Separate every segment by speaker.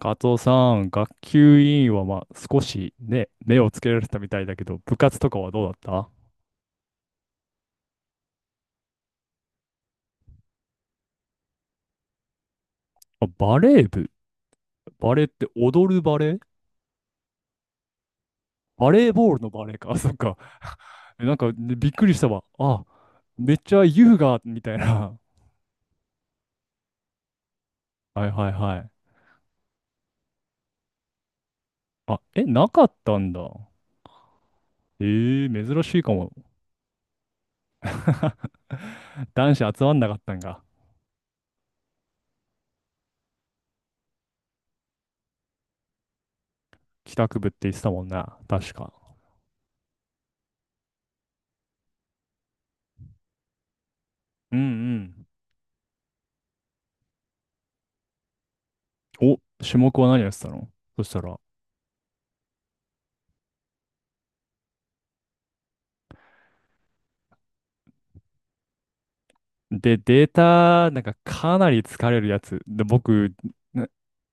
Speaker 1: カツオさん、学級委員はまあ少しね、目をつけられてたみたいだけど、部活とかはどうだった？あ、バレー部。バレーって踊るバレー？バレーボールのバレーか。あ、そっか。えなんか、ねびっくりしたわ。あ、めっちゃ優雅みたいな。はいはいはい。あ、え、なかったんだ。えー、珍しいかも。男子集まんなかったんが。帰宅部って言ってたもんな。確か。うんうん。お、種目は何やってたの、そしたら？で、データ、なんかかなり疲れるやつ。で、僕、な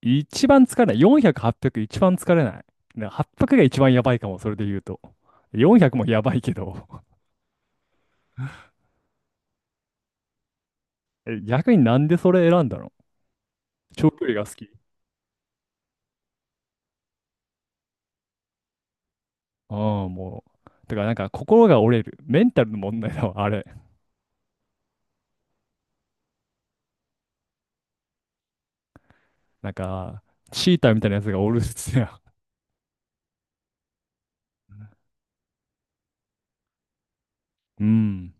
Speaker 1: 一番疲れない。400、800一番疲れない。800が一番やばいかも、それで言うと。400もやばいけど。え逆になんでそれ選んだの？長距離が好き？ああ、もう。だからなんか心が折れる。メンタルの問題だわ、あれ。なんか、チーターみたいなやつがおるっすやん。うん。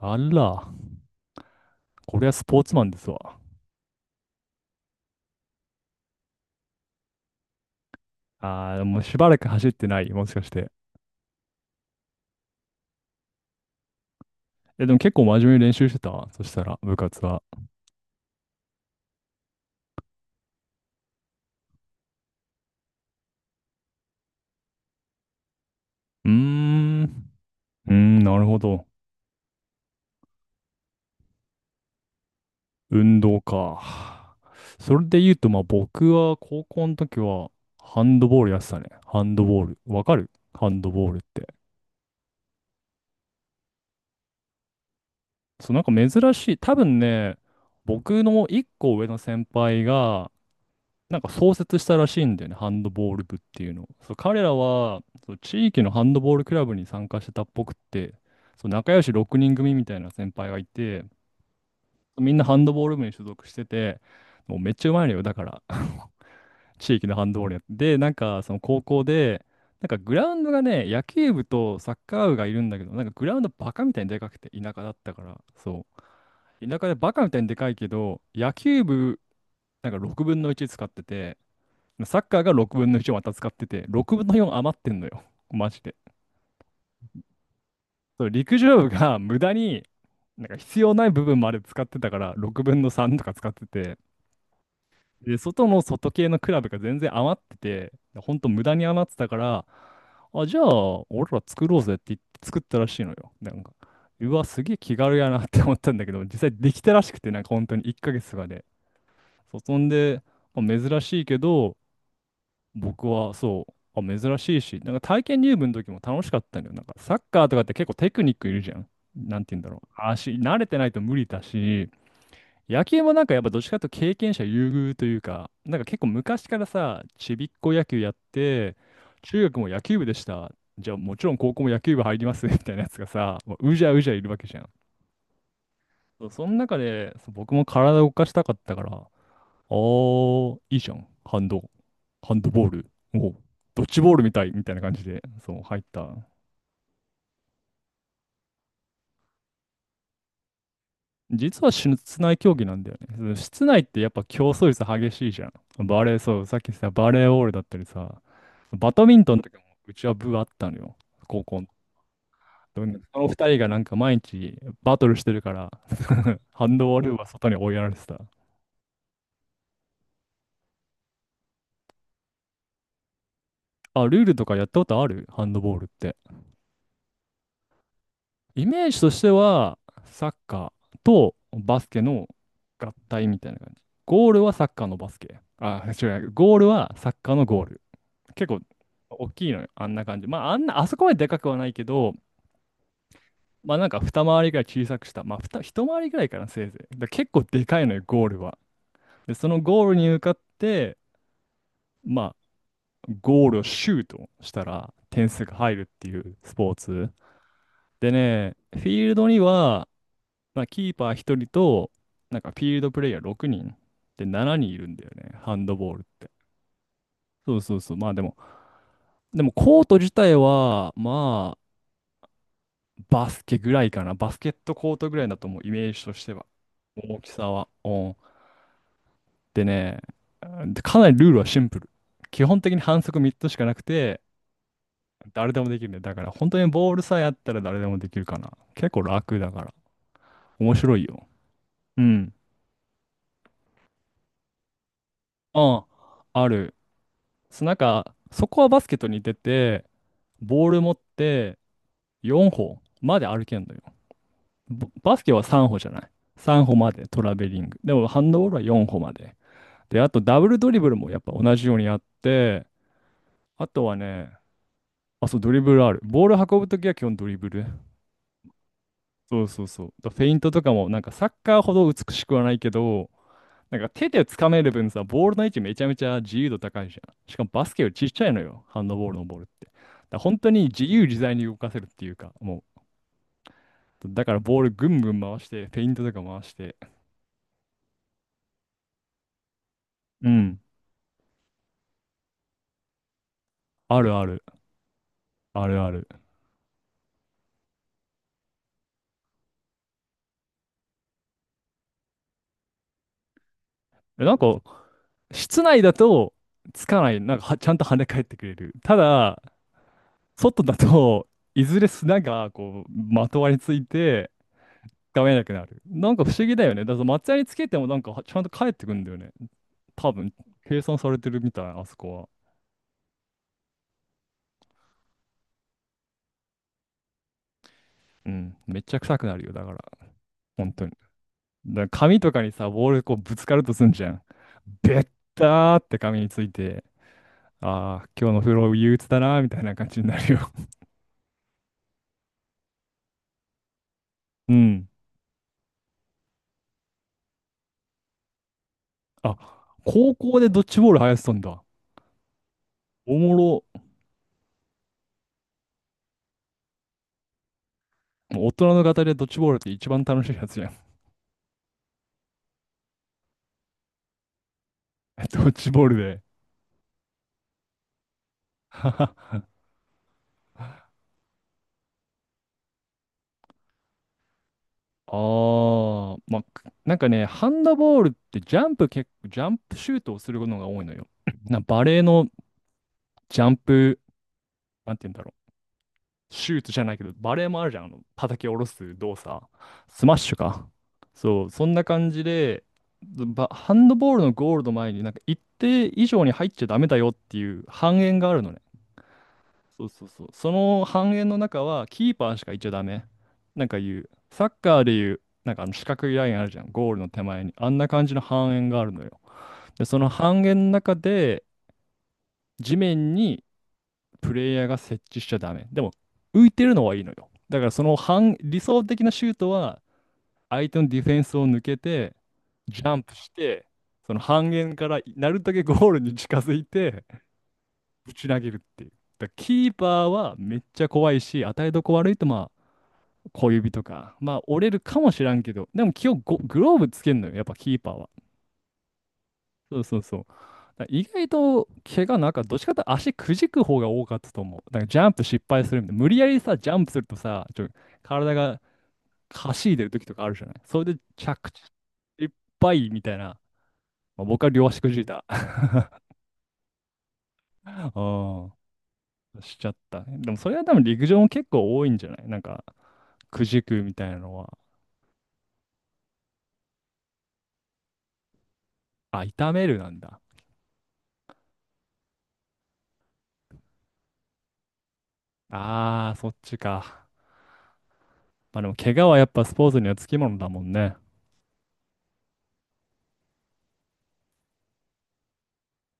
Speaker 1: あら、これはスポーツマンですわ。ああ、もうしばらく走ってない、もしかして？え、でも結構真面目に練習してたそしたら、部活は？うーん。うーん、なるほど。運動か。それで言うと、まあ僕は高校の時はハンドボールやってたね。ハンドボール。わかるハンドボールって？そう、なんか珍しい。多分ね、僕の一個上の先輩が、なんか創設したらしいんだよね、ハンドボール部っていうのを。そう、彼らはそう地域のハンドボールクラブに参加してたっぽくって、そう、仲良し6人組みたいな先輩がいて、みんなハンドボール部に所属してて、もうめっちゃうまいのよ、だから、地域のハンドボールやって。で、なんかその高校で、なんかグラウンドがね、野球部とサッカー部がいるんだけど、なんかグラウンドバカみたいにでかくて、田舎だったから、そう。田舎でバカみたいにでかいけど、野球部、なんか6分の1使ってて、サッカーが6分の1をまた使ってて、6分の4余ってんのよ。マジで。そう、陸上部が無駄に、なんか必要ない部分まで使ってたから、6分の3とか使ってて、で、外の外系のクラブが全然余ってて、ほんと無駄に余ってたから、あ、じゃあ、俺ら作ろうぜって言って作ったらしいのよ。なんか、うわ、すげえ気軽やなって思ったんだけど、実際できたらしくて、なんか本当に1ヶ月とかで。そうそんで、まあ珍しいけど、僕はそう、あ、珍しいし、なんか体験入部の時も楽しかったんだよ。なんかサッカーとかって結構テクニックいるじゃん。なんて言うんだろう。足、慣れてないと無理だし、野球もなんかやっぱどっちかというと経験者優遇というか、なんか結構昔からさ、ちびっこ野球やって、中学も野球部でした。じゃあもちろん高校も野球部入ります みたいなやつがさ、もううじゃうじゃいるわけじゃん。そうその中でそう僕も体を動かしたかったから、あー、いいじゃん。ハンドボール。おうドッジボールみたいな感じで、そう、入った。実は室内競技なんだよね。その室内ってやっぱ競争率激しいじゃん。バレー、そう、さっきさ、バレーボールだったりさ、バドミントンとかもうちは部あったのよ。高校の。でもその二人がなんか毎日バトルしてるから ハンドボールは外に追いやられてた。あ、ルールとかやったことあるハンドボールって？イメージとしては、サッカーとバスケの合体みたいな感じ。ゴールはサッカーのバスケ。あ、違う、ゴールはサッカーのゴール。結構大きいのよ、あんな感じ。まあ、あんな、あそこまででかくはないけど、まあなんか二回りぐらい小さくした。まあ、二一回りぐらいかな、せいぜい。だから結構でかいのよ、ゴールは。で、そのゴールに向かって、まあ、ゴールをシュートしたら点数が入るっていうスポーツ。でね、フィールドには、まあ、キーパー1人と、なんかフィールドプレイヤー6人で7人いるんだよね、ハンドボールって。そうそうそう、まあでもコート自体は、まあ、バスケぐらいかな、バスケットコートぐらいだと思う、イメージとしては。大きさは。うん。でね、かなりルールはシンプル。基本的に反則3つしかなくて、誰でもできるね。だから本当にボールさえあったら誰でもできるかな。結構楽だから。面白いよ。うん。あある。そうなんか、そこはバスケットに出て、ボール持って4歩まで歩けんのよ。バスケは3歩じゃない。3歩までトラベリング。でもハンドボールは4歩まで。で、あとダブルドリブルもやっぱ同じようにやって、あとはね、あ、そう、ドリブルある。ボール運ぶときは基本ドリブル。そうそうそう。フェイントとかもなんかサッカーほど美しくはないけど、なんか手で掴める分さ、ボールの位置めちゃめちゃ自由度高いじゃん。しかもバスケよりちっちゃいのよ、ハンドボールのボールって。だから本当に自由自在に動かせるっていうか、もう、だからボールぐんぐん回して、フェイントとか回して。うん。あるある、あるある。えなんか、室内だと、つかない、なんかはちゃんと跳ね返ってくれる。ただ、外だといずれ砂がこうまとわりついてがめなくなる。なんか不思議だよね。だから松屋につけてもなんかちゃんと帰ってくんだよね。多分、計算されてるみたい、あそこは。うん。めっちゃ臭くなるよ、だから。本当に。だから紙とかにさ、ボールこうぶつかるとすんじゃん。べったーって紙について、ああ、今日の風呂憂鬱だなーみたいな感じになるよ。うん。あ、高校でドッジボール流行ってたんだ。おもろ。もう大人の方でドッジボールって一番楽しいやつじゃん。ドッジボールで。ああ、まあ、なんかね、ハンドボールってジャンプ結構、ジャンプシュートをするのが多いのよ。バレーのジャンプ、なんて言うんだろう。シュートじゃないけど、バレーもあるじゃん。あの、叩き下ろす動作。スマッシュか。そう、そんな感じで、ハンドボールのゴールの前に、なんか一定以上に入っちゃダメだよっていう半円があるのね。そうそうそう。その半円の中はキーパーしかいちゃダメ。なんかいう、サッカーでいう、なんかあの四角いラインあるじゃん。ゴールの手前に。あんな感じの半円があるのよ。で、その半円の中で地面にプレイヤーが設置しちゃダメ。でも浮いてるのはいいのよ。だからその半、理想的なシュートは相手のディフェンスを抜けて、ジャンプして、その半円からなるだけゴールに近づいて、ぶち投げるっていう。だからキーパーはめっちゃ怖いし、与えどこ悪いとまあ小指とか、まあ折れるかもしらんけど、でも基本グローブつけんのよ、やっぱキーパーは。そうそうそう。だから意外と怪我なんかどっちかというと足くじく方が多かったと思う。だからジャンプ失敗するみたいな。無理やりさ、ジャンプするとさ、体がかしいでる時とかあるじゃない。それで着地いっぱいみたいな。まあ、僕は両足くじいた。うん。しちゃったね。でもそれは多分陸上も結構多いんじゃないなんか、くじくみたいなのは、あ、痛めるなんだ。ああ、そっちか。まあでも、怪我はやっぱスポーツにはつきものだもんね。